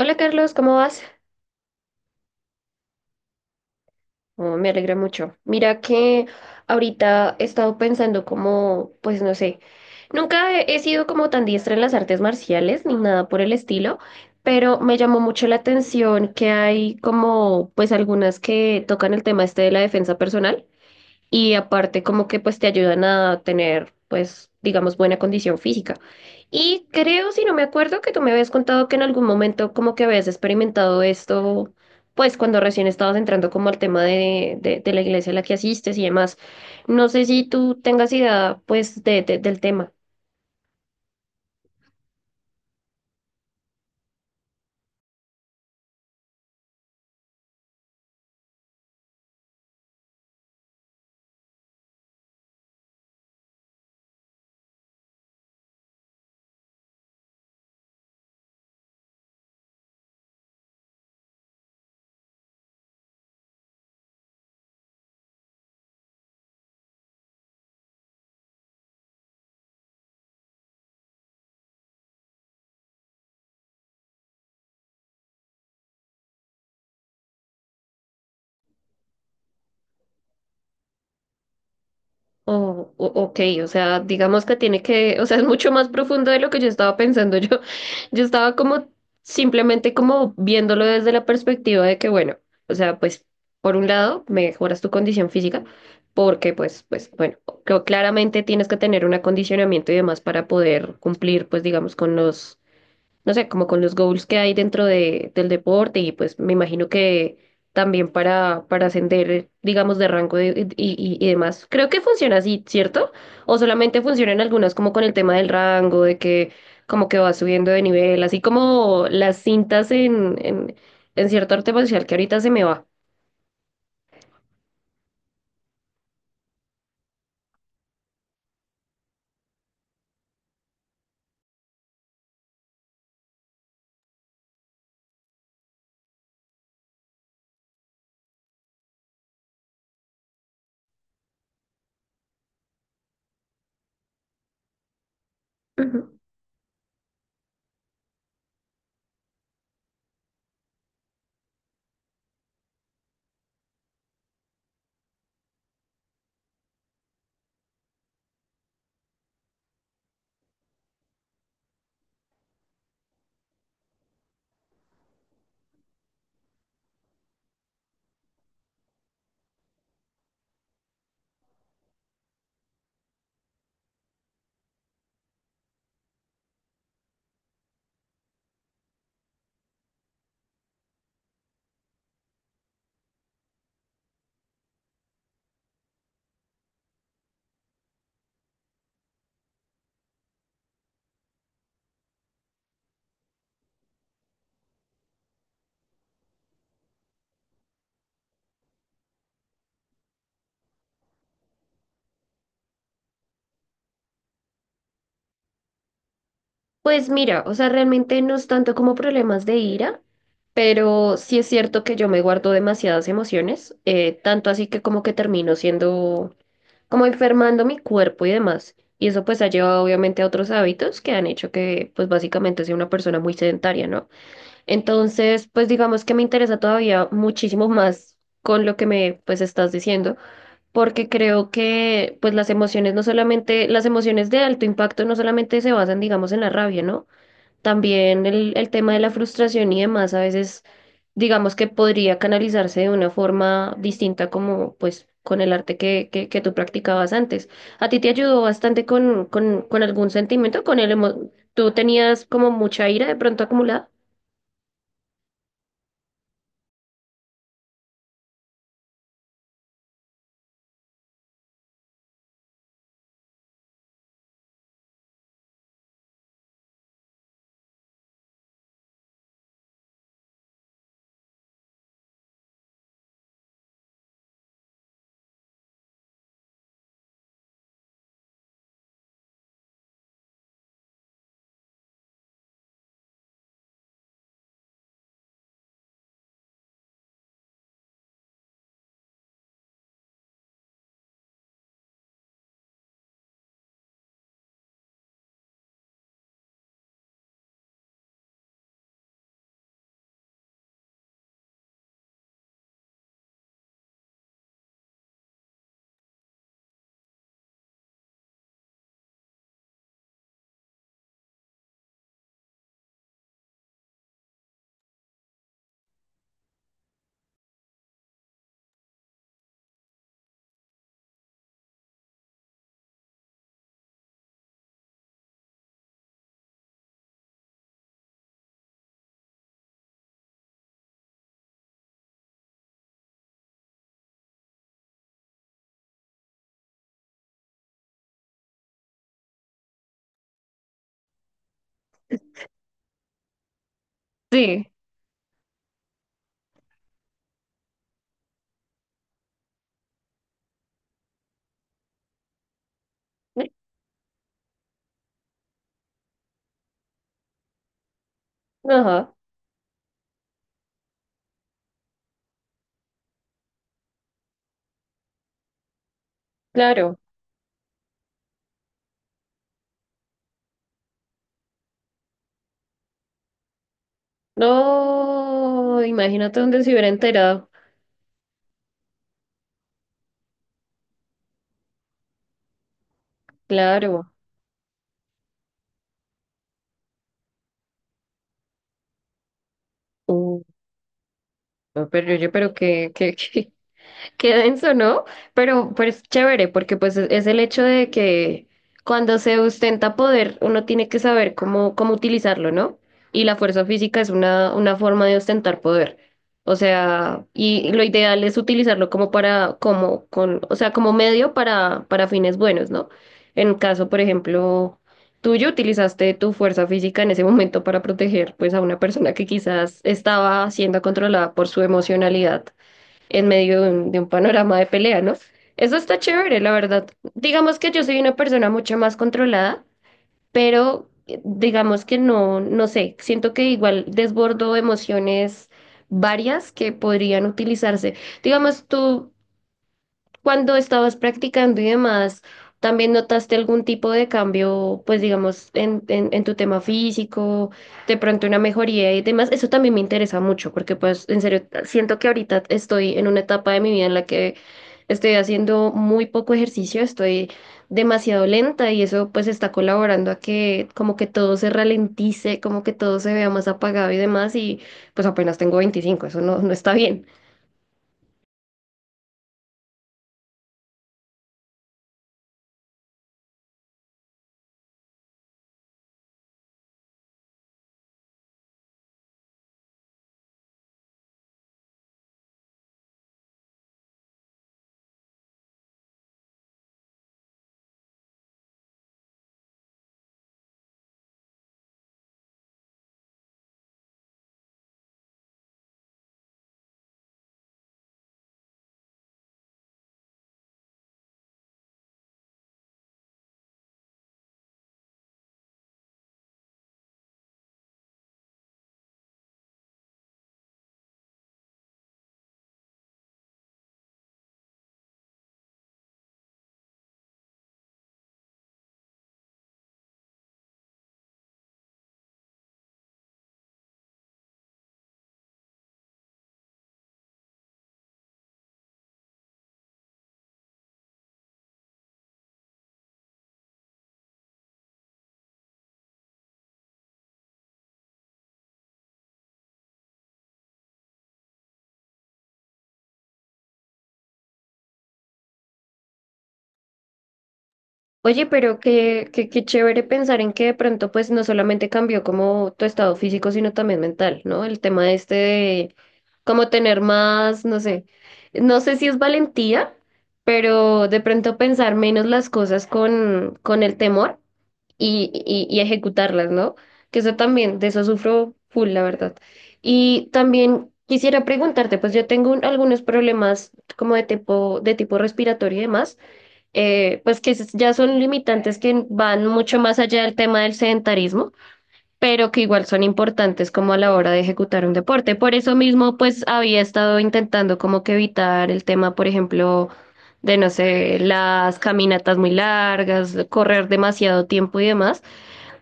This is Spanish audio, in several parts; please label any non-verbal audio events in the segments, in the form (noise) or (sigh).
Hola Carlos, ¿cómo vas? Oh, me alegra mucho. Mira que ahorita he estado pensando como, pues no sé, nunca he sido como tan diestra en las artes marciales ni nada por el estilo, pero me llamó mucho la atención que hay como, pues algunas que tocan el tema este de la defensa personal. Y aparte como que pues te ayudan a tener pues digamos buena condición física. Y creo, si no me acuerdo, que tú me habías contado que en algún momento como que habías experimentado esto pues cuando recién estabas entrando como al tema de la iglesia a la que asistes y demás. No sé si tú tengas idea pues del tema. Oh, o- ok, o sea, digamos que tiene que, o sea, es mucho más profundo de lo que yo estaba pensando. (laughs) Yo estaba como simplemente como viéndolo desde la perspectiva de que, bueno, o sea, pues por un lado mejoras tu condición física, porque pues, pues, bueno, creo claramente tienes que tener un acondicionamiento y demás para poder cumplir, pues, digamos, con los no sé, como con los goals que hay dentro del deporte y pues me imagino que también para ascender, digamos, de rango de- y demás. Creo que funciona así, ¿cierto? O solamente funcionan algunas como con el tema del rango, de que como que va subiendo de nivel, así como las cintas en cierto arte marcial que ahorita se me va. Ujú. Pues mira, o sea, realmente no es tanto como problemas de ira, pero sí es cierto que yo me guardo demasiadas emociones, tanto así que como que termino siendo, como enfermando mi cuerpo y demás. Y eso pues ha llevado obviamente a otros hábitos que han hecho que pues básicamente sea una persona muy sedentaria, ¿no? Entonces, pues digamos que me interesa todavía muchísimo más con lo que me pues estás diciendo porque creo que pues las emociones no solamente, las emociones de alto impacto no solamente se basan, digamos, en la rabia, ¿no? También el tema de la frustración y demás, a veces digamos que podría canalizarse de una forma distinta como pues con el arte que tú practicabas antes. ¿A ti te ayudó bastante con algún sentimiento? ¿Con el emo- ¿Tú tenías como mucha ira de pronto acumulada? Sí. Ajá, claro. No, imagínate donde se hubiera enterado. Claro. Uh, no, pero oye, pero qué, qué, qué, qué denso, ¿no? Pero es chévere porque pues es el hecho de que cuando se ostenta poder uno tiene que saber cómo, cómo utilizarlo, ¿no? Y la fuerza física es una forma de ostentar poder. O sea, y lo ideal es utilizarlo como para, como, con, o sea, como medio para fines buenos, ¿no? En caso, por ejemplo, tuyo, utilizaste tu fuerza física en ese momento para proteger pues a una persona que quizás estaba siendo controlada por su emocionalidad en medio de un panorama de pelea, ¿no? Eso está chévere, la verdad. Digamos que yo soy una persona mucho más controlada, pero digamos que no, no sé, siento que igual desbordo emociones varias que podrían utilizarse. Digamos, tú cuando estabas practicando y demás, ¿también notaste algún tipo de cambio, pues digamos, en tu tema físico, de pronto una mejoría y demás? Eso también me interesa mucho porque pues en serio, siento que ahorita estoy en una etapa de mi vida en la que estoy haciendo muy poco ejercicio, estoy demasiado lenta y eso pues está colaborando a que como que todo se ralentice, como que todo se vea más apagado y demás y pues apenas tengo 25, eso no, no está bien. Oye, pero qué, qué, qué chévere pensar en que de pronto pues no solamente cambió como tu estado físico, sino también mental, ¿no? El tema este de como tener más, no sé, no sé si es valentía, pero de pronto pensar menos las cosas con el temor y ejecutarlas, ¿no? Que eso también, de eso sufro full, la verdad. Y también quisiera preguntarte, pues yo tengo un- algunos problemas como de tipo respiratorio y demás. Pues que es- ya son limitantes que van mucho más allá del tema del sedentarismo, pero que igual son importantes como a la hora de ejecutar un deporte. Por eso mismo, pues había estado intentando como que evitar el tema, por ejemplo, de, no sé, las caminatas muy largas, correr demasiado tiempo y demás.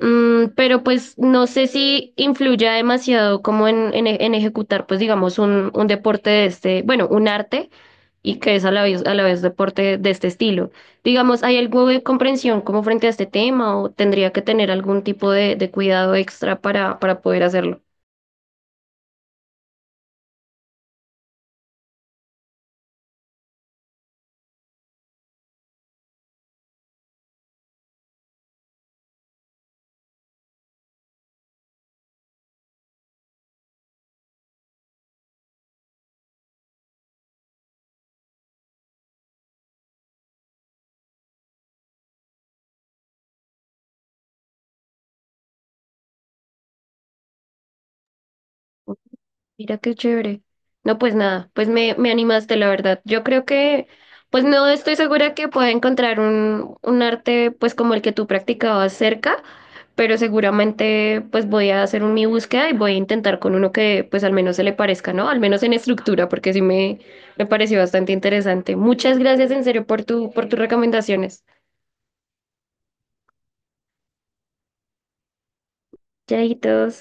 Mm, pero pues no sé si influya demasiado como en, e- en ejecutar, pues digamos, un deporte de este, bueno, un arte y que es a la vez deporte de este estilo. Digamos, ¿hay algo de comprensión como frente a este tema o tendría que tener algún tipo de cuidado extra para poder hacerlo? Mira qué chévere. No, pues nada, pues me animaste, la verdad. Yo creo que, pues no estoy segura que pueda encontrar un arte pues como el que tú practicabas cerca, pero seguramente pues voy a hacer un, mi búsqueda y voy a intentar con uno que pues al menos se le parezca, ¿no? Al menos en estructura, porque sí me pareció bastante interesante. Muchas gracias en serio por tu, por tus recomendaciones. Chaitos.